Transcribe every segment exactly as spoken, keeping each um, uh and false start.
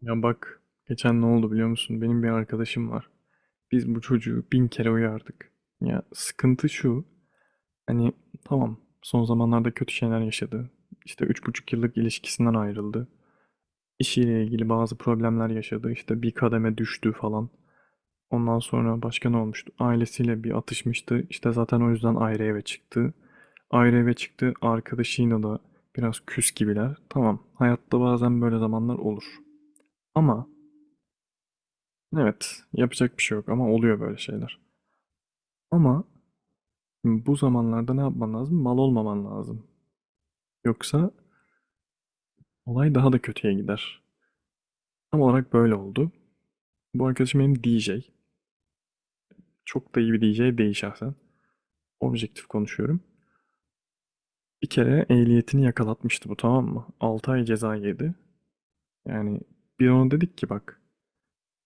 Ya bak, geçen ne oldu biliyor musun? Benim bir arkadaşım var. Biz bu çocuğu bin kere uyardık. Ya sıkıntı şu, hani tamam, son zamanlarda kötü şeyler yaşadı. İşte üç buçuk yıllık ilişkisinden ayrıldı. İşiyle ilgili bazı problemler yaşadı. İşte bir kademe düştü falan. Ondan sonra başka ne olmuştu? Ailesiyle bir atışmıştı. İşte zaten o yüzden ayrı eve çıktı. Ayrı eve çıktı. Arkadaşıyla da biraz küs gibiler. Tamam, hayatta bazen böyle zamanlar olur. Ama Evet, yapacak bir şey yok ama oluyor böyle şeyler. Ama şimdi bu zamanlarda ne yapman lazım? Mal olmaman lazım. Yoksa olay daha da kötüye gider. Tam olarak böyle oldu. Bu arkadaşım benim D J. Çok da iyi bir D J değil şahsen. Objektif konuşuyorum. Bir kere ehliyetini yakalatmıştı, bu tamam mı? altı ay ceza yedi. Yani bir ona dedik ki bak,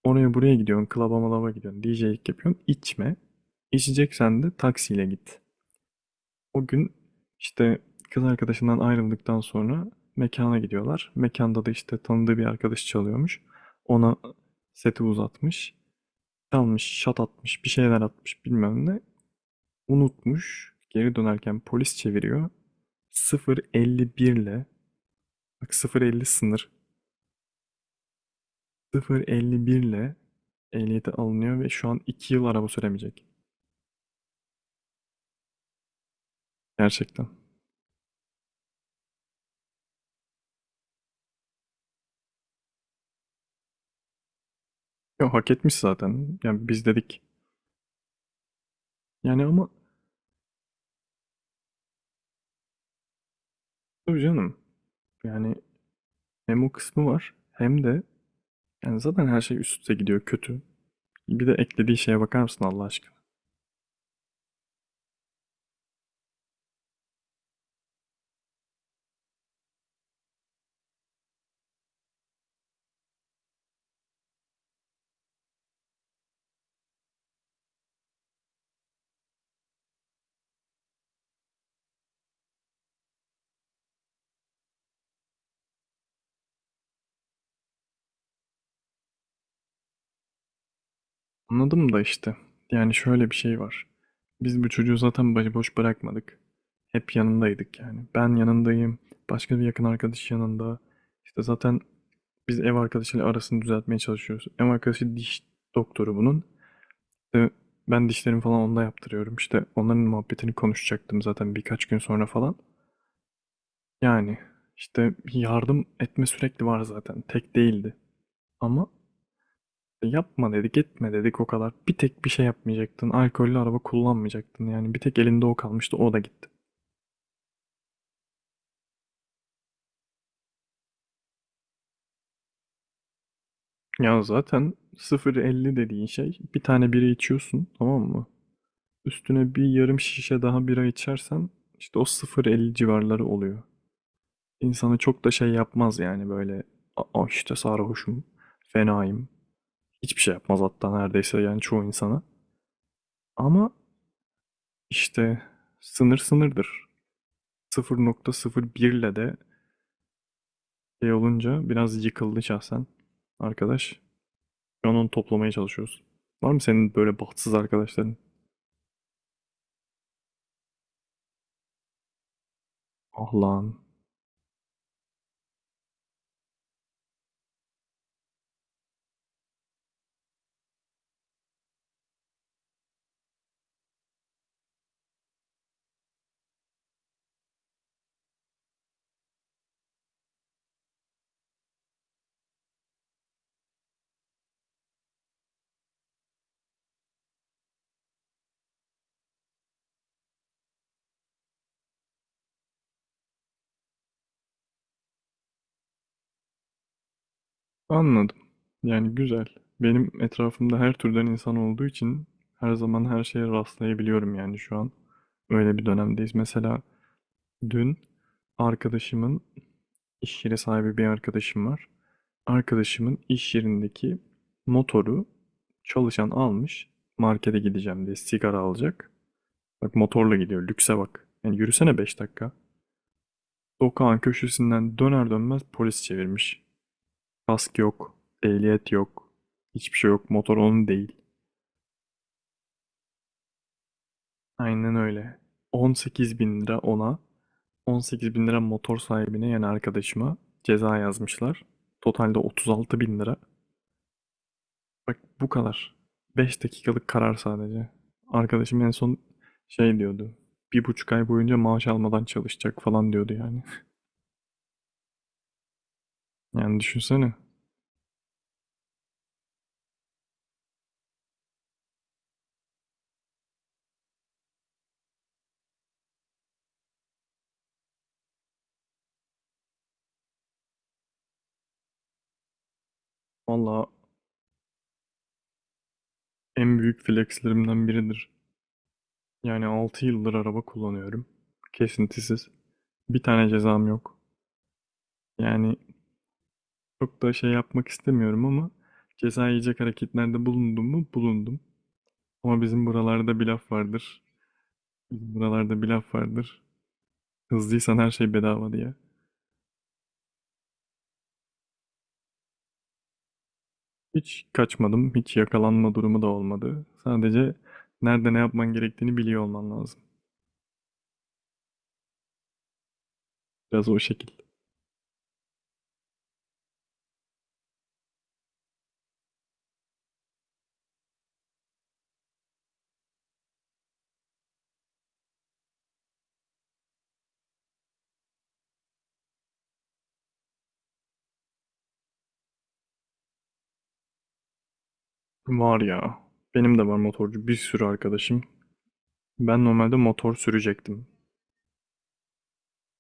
oraya buraya gidiyorsun, klaba malaba gidiyorsun, D J'lik yapıyorsun, içme. İçeceksen de taksiyle git. O gün işte kız arkadaşından ayrıldıktan sonra mekana gidiyorlar. Mekanda da işte tanıdığı bir arkadaş çalıyormuş. Ona seti uzatmış. Çalmış, şat atmış, bir şeyler atmış bilmem ne. Unutmuş. Geri dönerken polis çeviriyor. sıfır elli bir ile, bak sıfır elli sınır. sıfır elli bir ile ehliyeti alınıyor ve şu an iki yıl araba süremeyecek. Gerçekten. Ya hak etmiş zaten. Yani biz dedik. Yani ama tabii canım. Yani hem o kısmı var, hem de yani zaten her şey üst üste gidiyor kötü. Bir de eklediği şeye bakar mısın Allah aşkına? Anladım da işte. Yani şöyle bir şey var. Biz bu çocuğu zaten başıboş bırakmadık. Hep yanındaydık yani. Ben yanındayım. Başka bir yakın arkadaş yanında. İşte zaten biz ev arkadaşıyla arasını düzeltmeye çalışıyoruz. Ev arkadaşı diş doktoru bunun. İşte ben dişlerimi falan onda yaptırıyorum. İşte onların muhabbetini konuşacaktım zaten birkaç gün sonra falan. Yani işte yardım etme sürekli var zaten. Tek değildi. Ama işte, yapma dedik, etme dedik o kadar. Bir tek bir şey yapmayacaktın. Alkollü araba kullanmayacaktın. Yani bir tek elinde o kalmıştı. O da gitti. Ya zaten sıfır elli dediğin şey, bir tane bira içiyorsun tamam mı? Üstüne bir yarım şişe daha bira içersen işte o sıfır elli civarları oluyor. İnsanı çok da şey yapmaz yani, böyle "Aa işte sarhoşum, fenayım." Hiçbir şey yapmaz hatta neredeyse yani, çoğu insana. Ama İşte sınır sınırdır. sıfır nokta sıfır bir ile de şey olunca biraz yıkıldı şahsen arkadaş. Şu an onu toplamaya çalışıyoruz. Var mı senin böyle bahtsız arkadaşların? Ah lan. Anladım. Yani güzel. Benim etrafımda her türden insan olduğu için her zaman her şeye rastlayabiliyorum yani şu an. Öyle bir dönemdeyiz. Mesela dün arkadaşımın iş yeri sahibi bir arkadaşım var. Arkadaşımın iş yerindeki motoru çalışan almış. Markete gideceğim diye, sigara alacak. Bak motorla gidiyor. Lükse bak. Yani yürüsene, beş dakika. Sokağın köşesinden döner dönmez polis çevirmiş. Kask yok. Ehliyet yok. Hiçbir şey yok. Motor onun değil. Aynen öyle. on sekiz bin lira ona. on sekiz bin lira motor sahibine yani arkadaşıma ceza yazmışlar. Totalde otuz altı bin lira. Bak bu kadar. beş dakikalık karar sadece. Arkadaşım en son şey diyordu. Bir buçuk ay boyunca maaş almadan çalışacak falan diyordu yani. Yani düşünsene. Valla en büyük flexlerimden biridir. Yani altı yıldır araba kullanıyorum. Kesintisiz. Bir tane cezam yok. Yani çok da şey yapmak istemiyorum ama ceza yiyecek hareketlerde bulundum mu? Bulundum. Ama bizim buralarda bir laf vardır. Bizim buralarda bir laf vardır: hızlıysan her şey bedava diye. Hiç kaçmadım, hiç yakalanma durumu da olmadı. Sadece nerede ne yapman gerektiğini biliyor olman lazım. Biraz o şekil. Var ya, benim de var motorcu bir sürü arkadaşım. Ben normalde motor sürecektim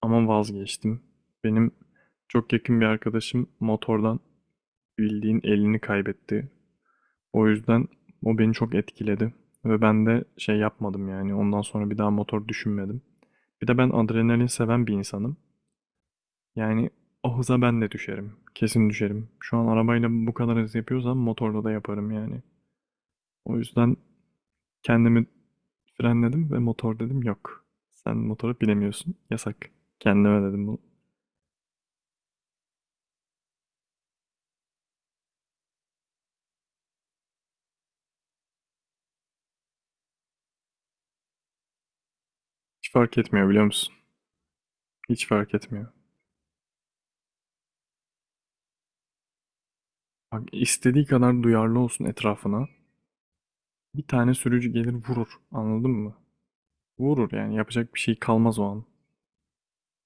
ama vazgeçtim. Benim çok yakın bir arkadaşım motordan bildiğin elini kaybetti. O yüzden o beni çok etkiledi ve ben de şey yapmadım yani, ondan sonra bir daha motor düşünmedim. Bir de ben adrenalin seven bir insanım. Yani o hıza ben de düşerim. Kesin düşerim. Şu an arabayla bu kadar hız yapıyorsam motorla da yaparım yani. O yüzden kendimi frenledim ve motor dedim yok. Sen motoru bilemiyorsun. Yasak. Kendime dedim bunu. Hiç fark etmiyor biliyor musun? Hiç fark etmiyor. Bak, istediği kadar duyarlı olsun etrafına. Bir tane sürücü gelir vurur. Anladın mı? Vurur yani, yapacak bir şey kalmaz o an.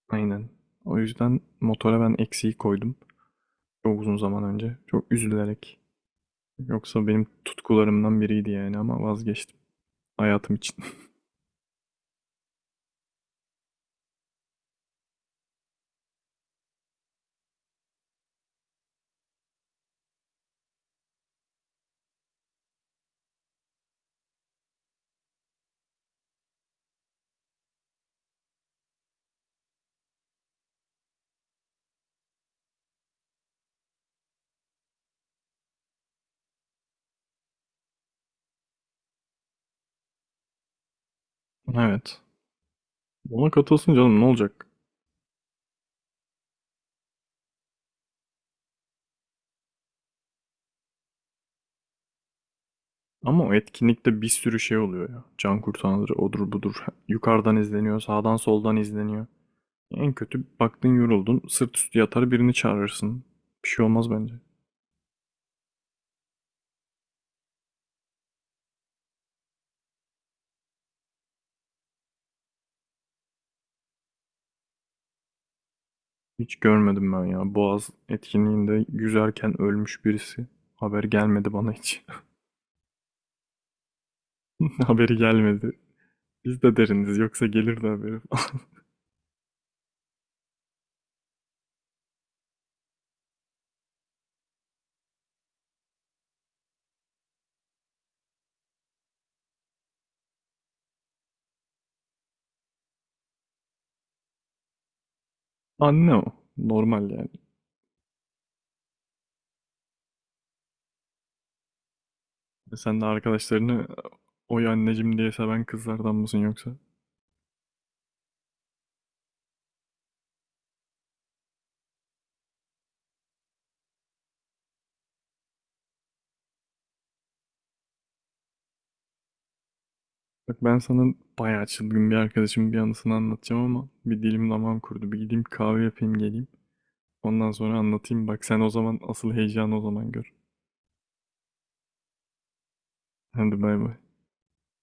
Aynen. O yüzden motora ben eksiği koydum. Çok uzun zaman önce. Çok üzülerek. Yoksa benim tutkularımdan biriydi yani ama vazgeçtim. Hayatım için. Evet. Ona katılsın canım, ne olacak? Ama o etkinlikte bir sürü şey oluyor ya. Can kurtaranları odur budur. Yukarıdan izleniyor, sağdan soldan izleniyor. En kötü baktın, yoruldun, sırt üstü yatar birini çağırırsın. Bir şey olmaz bence. Hiç görmedim ben ya. Boğaz etkinliğinde yüzerken ölmüş birisi. Haber gelmedi bana hiç. Haberi gelmedi. Biz de deriniz yoksa gelirdi haberi. Anne o. Normal yani. E Sen de arkadaşlarını oy anneciğim diye seven kızlardan mısın yoksa? Bak, ben sana bayağı çılgın bir arkadaşımın bir anısını anlatacağım ama bir dilim damağım kurudu. Bir gideyim kahve yapayım geleyim. Ondan sonra anlatayım. Bak sen o zaman, asıl heyecanı o zaman gör. Hadi bay bay.